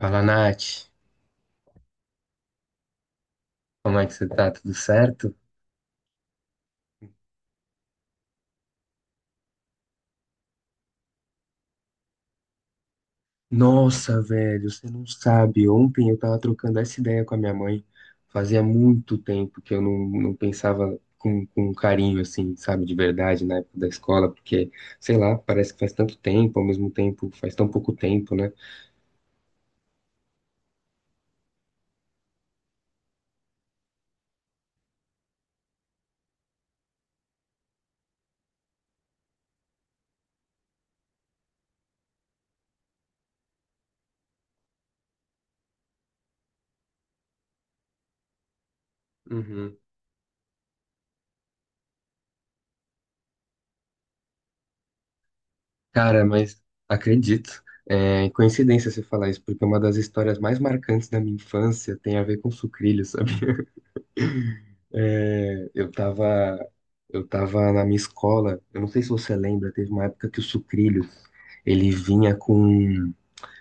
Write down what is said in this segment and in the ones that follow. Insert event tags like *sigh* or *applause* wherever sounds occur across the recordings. Fala, Nath. Como é que você tá? Tudo certo? Nossa, velho, você não sabe. Ontem eu tava trocando essa ideia com a minha mãe. Fazia muito tempo que eu não pensava com um carinho, assim, sabe, de verdade, na época da escola, porque, sei lá, parece que faz tanto tempo, ao mesmo tempo, faz tão pouco tempo, né? Uhum. Cara, mas acredito. É coincidência você falar isso, porque uma das histórias mais marcantes da minha infância tem a ver com sucrilhos, *laughs* sabe? É, eu tava na minha escola, eu não sei se você lembra, teve uma época que o sucrilho, ele vinha com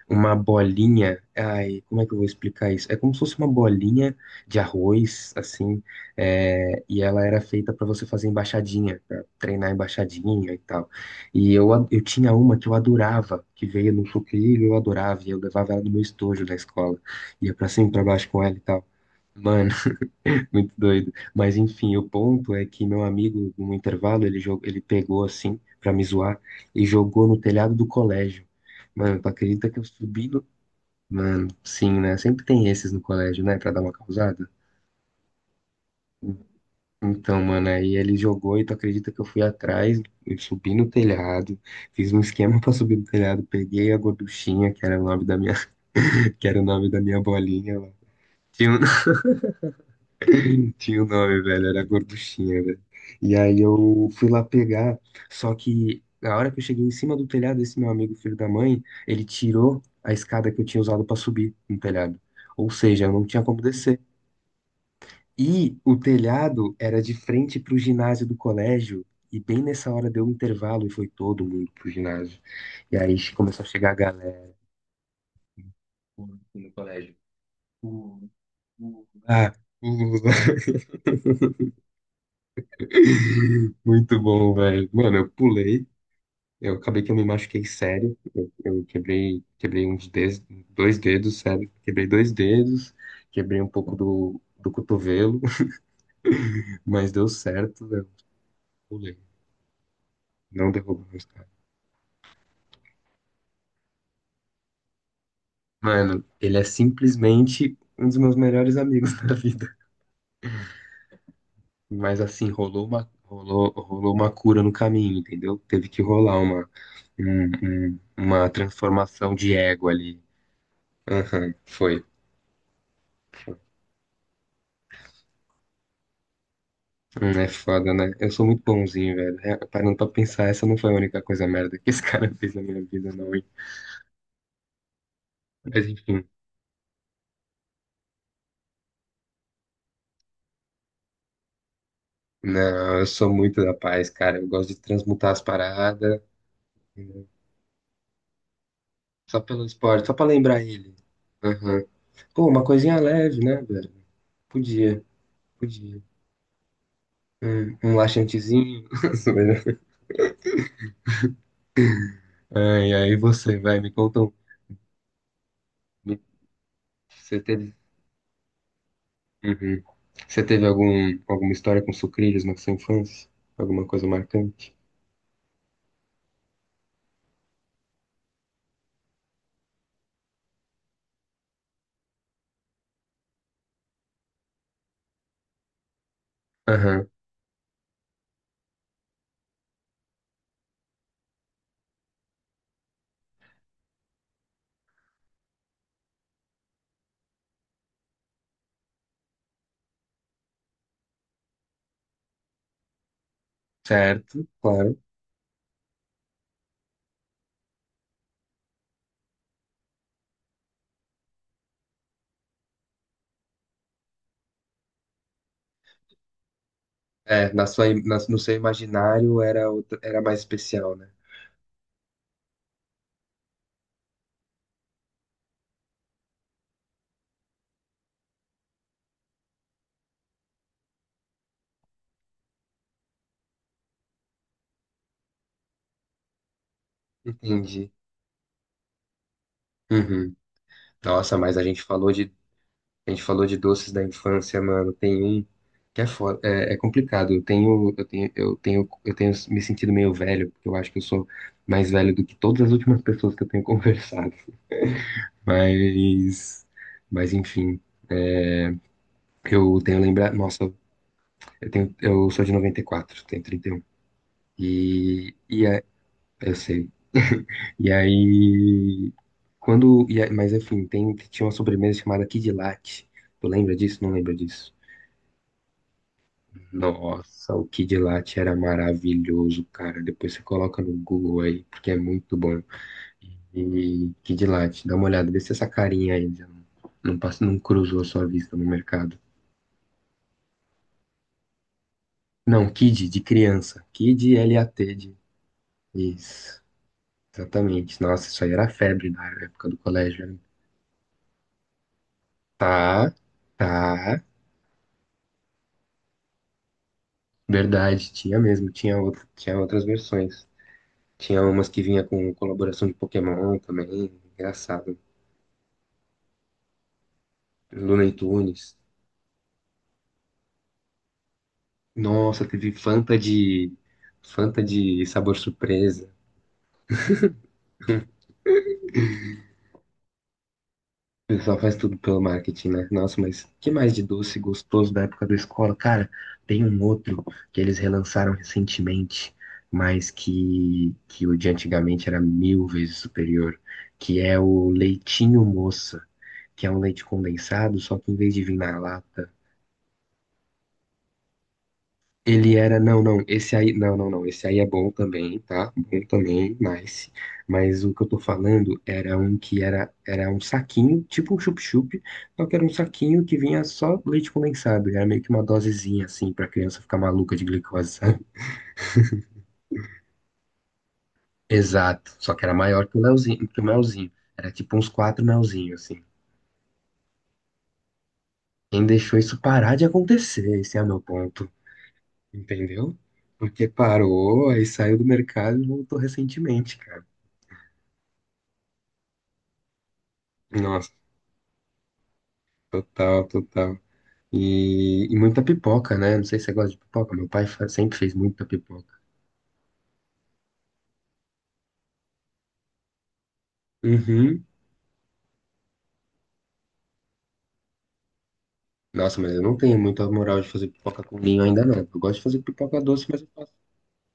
uma bolinha, ai, como é que eu vou explicar isso? É como se fosse uma bolinha de arroz, assim, é, e ela era feita pra você fazer embaixadinha, pra treinar embaixadinha e tal. E eu, eu tinha uma que eu adorava, que veio no sucrilho, eu adorava, e eu levava ela no meu estojo da escola, ia pra cima e pra baixo com ela e tal. Mano, *laughs* muito doido. Mas enfim, o ponto é que meu amigo, no intervalo, ele pegou assim, pra me zoar, e jogou no telhado do colégio. Mano, tu acredita que eu subi no. Mano, sim, né? Sempre tem esses no colégio, né? Pra dar uma causada. Então, mano, aí ele jogou e tu acredita que eu fui atrás, eu subi no telhado, fiz um esquema *laughs* pra subir no telhado, peguei a gorduchinha, que era o nome da minha, *laughs* que era o nome da minha bolinha lá. Tinha. Tinha o nome, velho, era gorduchinha, velho. E aí eu fui lá pegar, só que na hora que eu cheguei em cima do telhado, esse meu amigo, filho da mãe, ele tirou a escada que eu tinha usado pra subir no telhado. Ou seja, eu não tinha como descer. E o telhado era de frente pro ginásio do colégio, e bem nessa hora deu um intervalo e foi todo mundo pro ginásio. E aí começou a chegar a galera no colégio. Uh, uh, ah, uh. *laughs* Muito bom, velho. Mano, eu pulei. Eu acabei que eu me machuquei sério. Eu quebrei uns dedos, dois dedos, sério. Quebrei dois dedos, quebrei um pouco do cotovelo, *laughs* mas deu certo, eu pulei. Não derrubou meus caras. Mano, ele é simplesmente um dos meus melhores amigos *laughs* da vida. Mas assim, rolou uma cura no caminho, entendeu? Teve que rolar uma transformação de ego ali. Aham, foi. É foda, né? Eu sou muito bonzinho, velho. É, parando pra pensar, essa não foi a única coisa merda que esse cara *laughs* fez na minha vida, não, hein? Mas enfim, não, eu sou muito da paz, cara. Eu gosto de transmutar as paradas, né? Só pelo esporte, só pra lembrar ele. Aham. Pô, uma coisinha leve, né, velho? Podia, podia. Um laxantezinho. *laughs* Zoeira. Ai, aí você, vai, me conta. Me- Você teve, Uhum. Você teve algum, alguma história com sucrilhos na sua infância? Alguma coisa marcante? Aham. Certo, claro. É, na sua, im- na- no seu imaginário era mais especial, né? Entendi. Uhum. Nossa, mas a gente falou de doces da infância, mano. Tem um que é foda, é, é complicado. Eu tenho me sentido meio velho, porque eu acho que eu sou mais velho do que todas as últimas pessoas que eu tenho *laughs* conversado. Mas, mas enfim, eu tenho lembrar, nossa, eu sou de noventa e quatro, tenho 31. E, um. e e é, eu sei. E aí, mas enfim, tinha uma sobremesa chamada Kid Latte. Tu lembra disso? Não lembra disso. Nossa, o Kid Latte era maravilhoso, cara. Depois você coloca no Google aí, porque é muito bom. E Kid Latte, dá uma olhada, vê se essa carinha ainda não, passa, não cruzou a sua vista no mercado. Não, Kid, de criança. Kid Lat de. Isso, exatamente. Nossa, isso aí era febre na época do colégio, né? Tá, tá. Verdade, tinha mesmo, tinha outras versões. Tinha umas que vinha com colaboração de Pokémon também, engraçado. Looney Tunes. Nossa, teve Fanta de sabor surpresa. O pessoal faz tudo pelo marketing, né? Nossa, mas que mais de doce gostoso da época da escola? Cara, tem um outro que eles relançaram recentemente, mas que o de antigamente era mil vezes superior, que é o Leitinho Moça. Que é um leite condensado, só que em vez de vir na lata, não, não, esse aí, não, não, não, esse aí é bom também, tá? Bom também, nice. Mas o que eu tô falando era um que era um saquinho, tipo um chup-chup, só que era um saquinho que vinha só leite condensado, e era meio que uma dosezinha, assim, pra criança ficar maluca de glicose, sabe? *laughs* Exato, só que era maior que o Leozinho, que o melzinho. Era tipo uns quatro melzinhos, assim. Quem deixou isso parar de acontecer? Esse é o meu ponto, entendeu? Porque parou, aí saiu do mercado e voltou recentemente, cara. Nossa, total, total. E muita pipoca, né? Não sei se você gosta de pipoca. Meu pai sempre fez muita pipoca. Uhum. Nossa, mas eu não tenho muita moral de fazer pipoca com vinho ainda, não. Eu gosto de fazer pipoca doce, mas eu faço,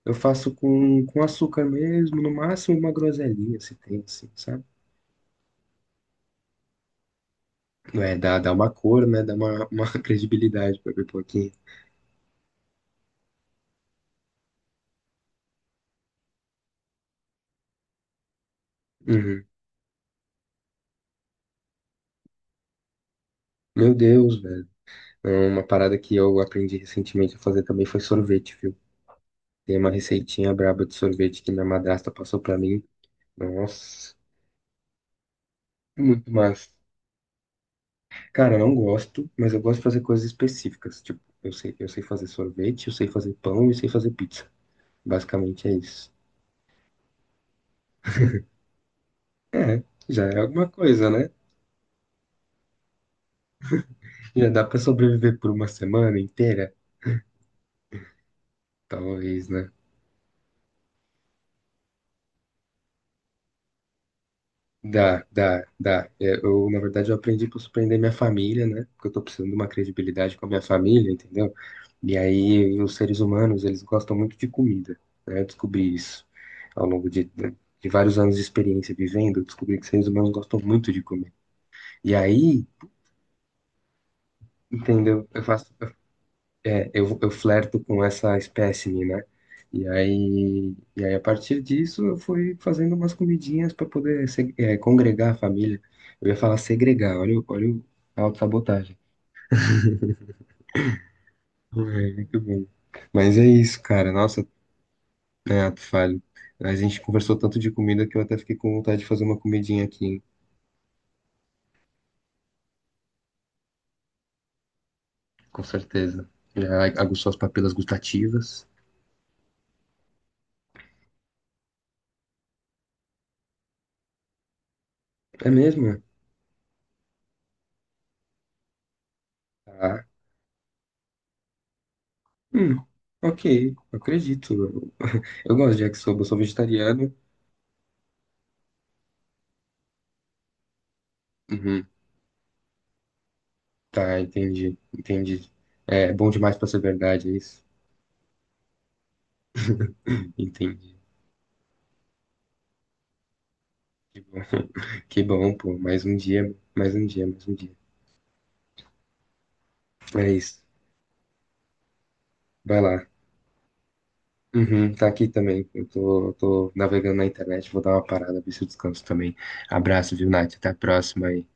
eu faço com açúcar mesmo, no máximo uma groselhinha, se tem, assim, sabe? É, dá uma cor, né? Dá uma *laughs* credibilidade pra pipoquinha. Uhum. Meu Deus, velho. Não, uma parada que eu aprendi recentemente a fazer também foi sorvete, viu? Tem uma receitinha braba de sorvete que minha madrasta passou pra mim. Nossa, muito massa. Cara, eu não gosto, mas eu gosto de fazer coisas específicas. Tipo, eu sei fazer sorvete, eu sei fazer pão e sei fazer pizza. Basicamente é isso. É, já é alguma coisa, né? Já dá pra sobreviver por uma semana inteira? Talvez, né? Dá, dá, dá. É. Eu, na verdade, eu aprendi para surpreender minha família, né? Porque eu tô precisando de uma credibilidade com a minha família, entendeu? E aí, os seres humanos, eles gostam muito de comida, né? Eu descobri isso ao longo de vários anos de experiência vivendo, eu descobri que seres humanos gostam muito de comer. E aí, entendeu? Eu faço. É, eu flerto com essa espécime, né? E aí, a partir disso, eu fui fazendo umas comidinhas para poder congregar a família. Eu ia falar segregar, olha, a autossabotagem. É, muito bem. Mas é isso, cara. Nossa, é, tu falho. A gente conversou tanto de comida que eu até fiquei com vontade de fazer uma comidinha aqui, hein? Com certeza. Já aguçou as papilas gustativas. É mesmo? É? Ah, hum, ok, eu acredito. Eu *laughs* eu gosto de yakisoba, eu sou vegetariano. Uhum. Tá, entendi, entendi. É bom demais pra ser verdade, é isso? Entendi. Que bom, pô. Mais um dia, mais um dia, mais um dia. É isso. Vai lá. Uhum, tá aqui também. Eu tô navegando na internet, vou dar uma parada, ver se eu descanso também. Abraço, viu, Nath? Até a próxima aí.